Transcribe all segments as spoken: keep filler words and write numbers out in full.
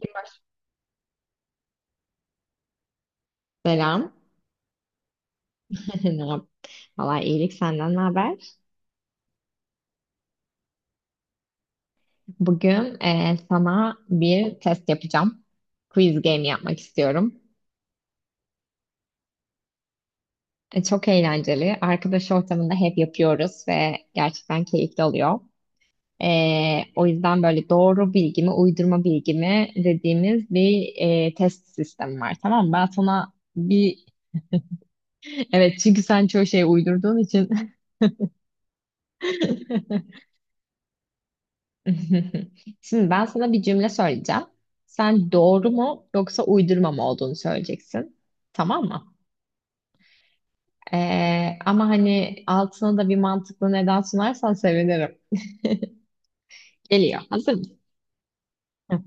Kim var? Selam. Ne yap? Valla iyilik, senden ne haber? Bugün e, sana bir test yapacağım. Quiz game yapmak istiyorum. E, çok eğlenceli. Arkadaş ortamında hep yapıyoruz ve gerçekten keyifli oluyor. E, O yüzden böyle doğru bilgi mi, uydurma bilgi mi dediğimiz bir e, test sistemi var. Tamam mı? Ben sana bir... Evet, çünkü sen çoğu şeyi uydurduğun için. Şimdi ben sana bir cümle söyleyeceğim. Sen doğru mu yoksa uydurma mı olduğunu söyleyeceksin. Tamam mı? Ee, ama hani altına da bir mantıklı neden sunarsan sevinirim. Geliyor. Hazır mısın? Hı.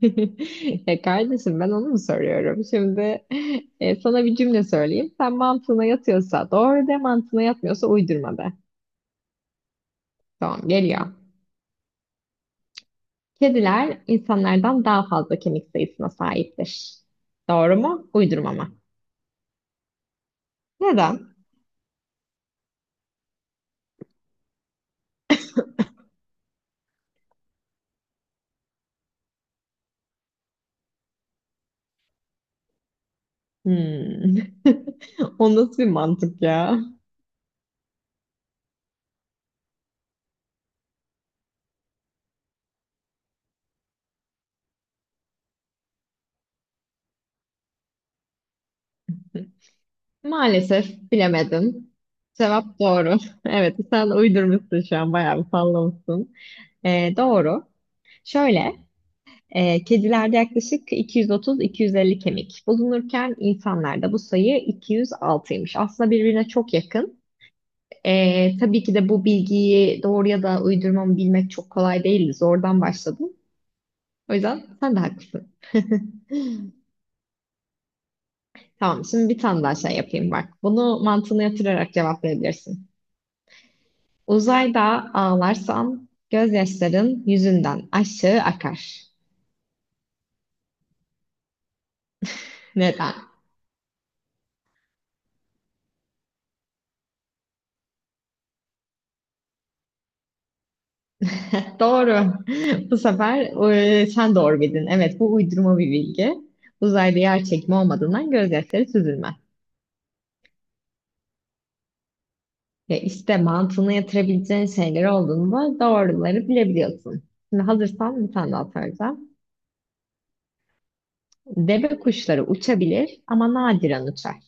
E kardeşim, ben onu mu soruyorum? Şimdi e, sana bir cümle söyleyeyim. Sen, mantığına yatıyorsa doğru de, mantığına yatmıyorsa uydurma de. Tamam, geliyor. Kediler insanlardan daha fazla kemik sayısına sahiptir. Doğru mu? Uydurma mı? Neden? Hmm. O nasıl bir mantık ya? Maalesef bilemedin. Cevap doğru. Evet, sen uydurmuşsun, şu an bayağı bir sallamışsın. Ee, doğru. Şöyle, e, kedilerde yaklaşık iki yüz otuz iki yüz elli kemik bulunurken insanlarda bu sayı iki yüz altıymış. Aslında birbirine çok yakın. Ee, tabii ki de bu bilgiyi doğru ya da uydurma mı bilmek çok kolay değildi. Zordan başladım. O yüzden sen de haklısın. Tamam, şimdi bir tane daha şey yapayım bak. Bunu mantığını yatırarak cevaplayabilirsin. Uzayda ağlarsan gözyaşların yüzünden aşağı akar. Neden? Doğru. Bu sefer e, sen doğru bildin. Evet, bu uydurma bir bilgi. Uzayda yer çekimi olmadığından gözyaşları süzülmez. Ya işte mantığını yatırabileceğin şeyler olduğunda doğruları bilebiliyorsun. Şimdi hazırsan bir tane daha soracağım. Deve kuşları uçabilir ama nadiren uçar.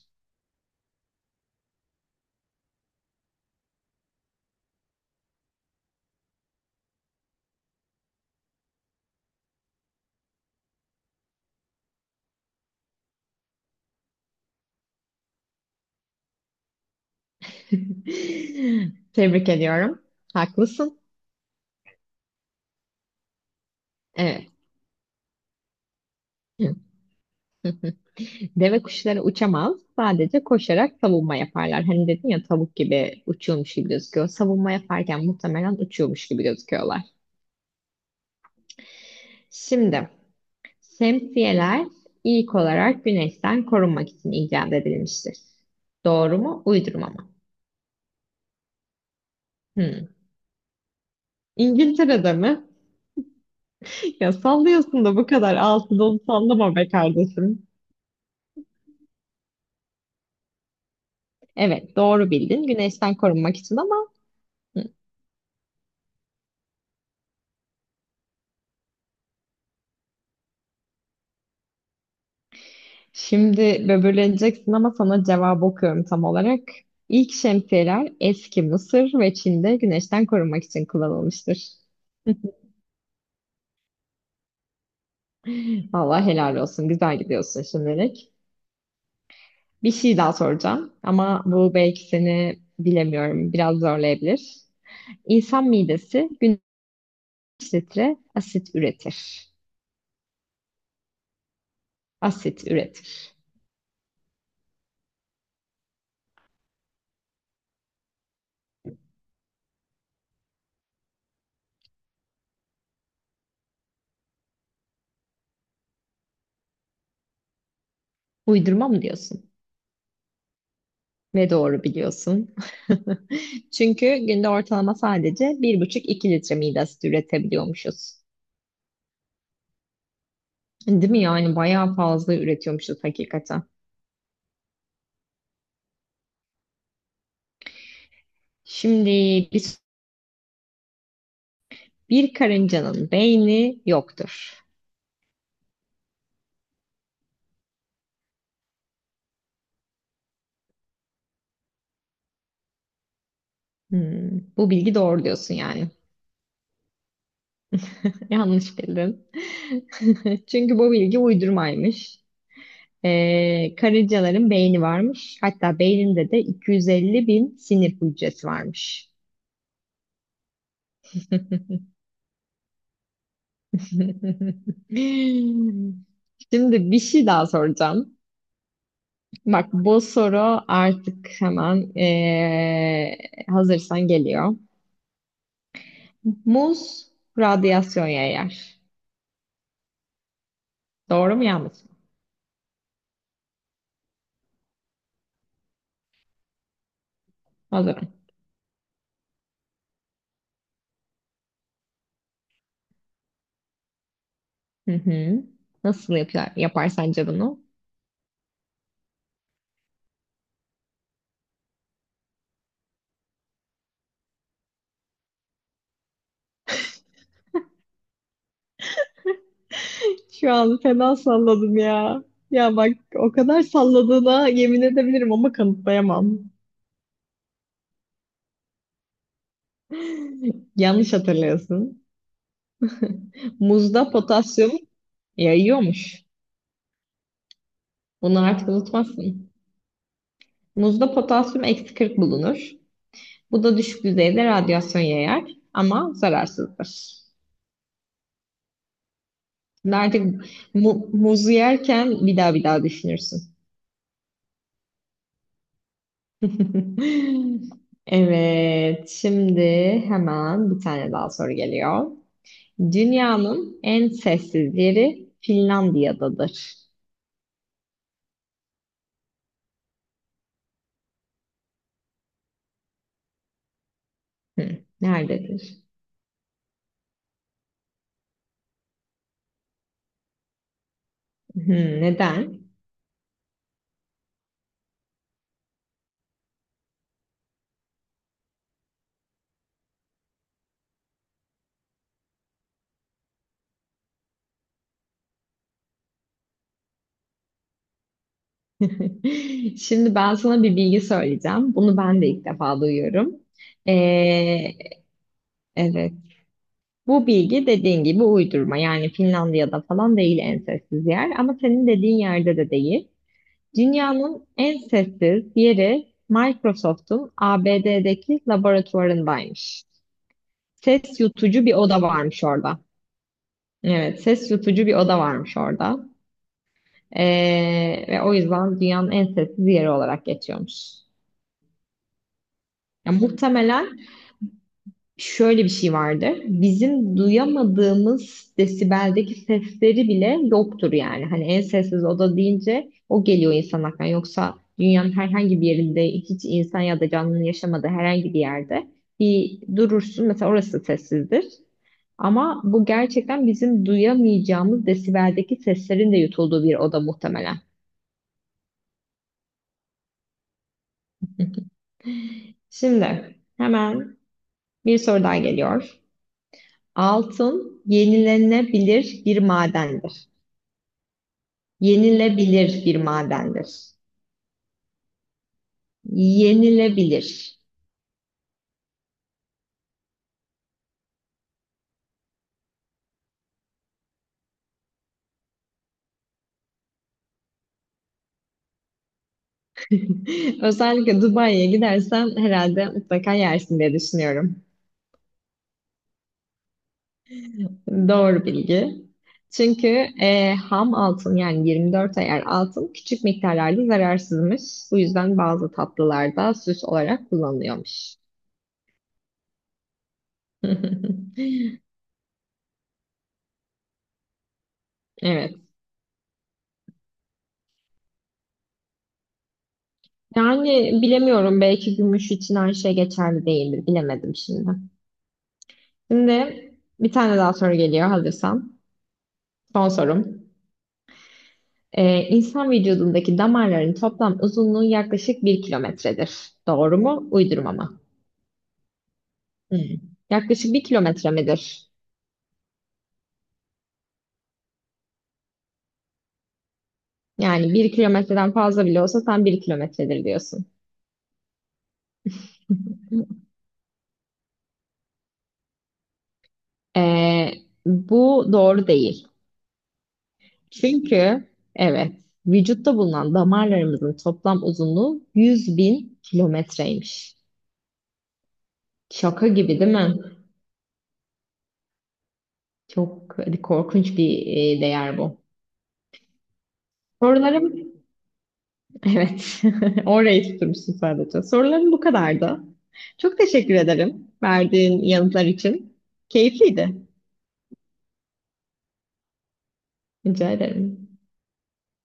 Tebrik ediyorum. Haklısın. Evet. Deve kuşları uçamaz. Sadece koşarak savunma yaparlar. Hani dedin ya, tavuk gibi uçuyormuş gibi gözüküyor. Savunma yaparken muhtemelen uçuyormuş gibi gözüküyorlar. Şimdi şemsiyeler ilk olarak güneşten korunmak için icat edilmiştir. Doğru mu? Uydurma mı? Hmm. İngiltere'de mi? Ya sallıyorsun da bu kadar altı dolu sallama be kardeşim. Evet, doğru bildin. Güneşten korunmak için. Ama hmm. Şimdi böbürleneceksin ama sana cevabı okuyorum tam olarak. İlk şemsiyeler eski Mısır ve Çin'de güneşten korunmak için kullanılmıştır. Vallahi helal olsun. Güzel gidiyorsun şimdilik. Bir şey daha soracağım ama bu belki seni, bilemiyorum, biraz zorlayabilir. İnsan midesi günde kaç litre asit üretir? Asit üretir. Uydurma mı diyorsun? Ne doğru biliyorsun. Çünkü günde ortalama sadece bir buçuk iki litre mide asidi üretebiliyormuşuz. Değil mi? Yani bayağı fazla üretiyormuşuz hakikaten. Şimdi bir, bir karıncanın beyni yoktur. Hmm, bu bilgi doğru diyorsun yani. Yanlış bildin. Çünkü bu bilgi uydurmaymış. Ee, karıncaların beyni varmış. Hatta beyninde de iki yüz elli bin sinir hücresi varmış. Şimdi bir şey daha soracağım. Bak bu soru artık hemen eee, hazırsan geliyor. Muz radyasyon yayar. Doğru mu, yanlış mı? Hazırım. Hı hı. Nasıl yapar, yapar sence bunu? Şu an fena salladım ya. Ya bak, o kadar salladığına yemin edebilirim ama kanıtlayamam. Yanlış hatırlıyorsun. Muzda potasyum yayıyormuş. Bunu artık unutmazsın. Muzda potasyum eksi kırk bulunur. Bu da düşük düzeyde radyasyon yayar ama zararsızdır. Şimdi artık mu- muzu yerken bir daha bir daha düşünürsün. Evet, şimdi hemen bir tane daha soru geliyor. Dünyanın en sessiz yeri Finlandiya'dadır. Hı, nerededir? Hı, neden? Şimdi ben sana bir bilgi söyleyeceğim. Bunu ben de ilk defa duyuyorum. Ee, Evet. Bu bilgi, dediğin gibi, uydurma. Yani Finlandiya'da falan değil en sessiz yer. Ama senin dediğin yerde de değil. Dünyanın en sessiz yeri Microsoft'un A B D'deki laboratuvarındaymış. Ses yutucu bir oda varmış orada. Evet, ses yutucu bir oda varmış orada. Ee, ve o yüzden dünyanın en sessiz yeri olarak geçiyormuş. Ya muhtemelen şöyle bir şey vardır. Bizim duyamadığımız desibeldeki sesleri bile yoktur yani. Hani en sessiz oda deyince o geliyor insan aklına. Yoksa dünyanın herhangi bir yerinde, hiç insan ya da canlının yaşamadığı herhangi bir yerde bir durursun. Mesela orası sessizdir. Ama bu gerçekten bizim duyamayacağımız desibeldeki seslerin de yutulduğu bir oda muhtemelen. Şimdi hemen bir soru daha geliyor. Altın yenilenebilir bir madendir. Yenilebilir bir madendir. Yenilebilir. Özellikle Dubai'ye gidersen herhalde mutlaka yersin diye düşünüyorum. Doğru bilgi. Çünkü e, ham altın, yani yirmi dört ayar altın, küçük miktarlarda zararsızmış. Bu yüzden bazı tatlılarda süs olarak kullanılıyormuş. Evet. Yani bilemiyorum, belki gümüş için her şey geçerli değildir. Bilemedim şimdi. Şimdi bir tane daha soru geliyor hazırsan. Son sorum. Ee, insan vücudundaki damarların toplam uzunluğu yaklaşık bir kilometredir. Doğru mu? Uydurma mı? Hmm. Yaklaşık bir kilometre midir? Yani bir kilometreden fazla bile olsa sen bir kilometredir diyorsun. Ee, bu doğru değil. Çünkü evet, vücutta bulunan damarlarımızın toplam uzunluğu yüz bin kilometreymiş. Şaka gibi değil mi? Çok korkunç bir e, değer bu. Sorularım. Evet. Orayı tutturmuşsun sadece. Sorularım bu kadardı. Çok teşekkür ederim verdiğin yanıtlar için. Keyifliydi. Rica ederim.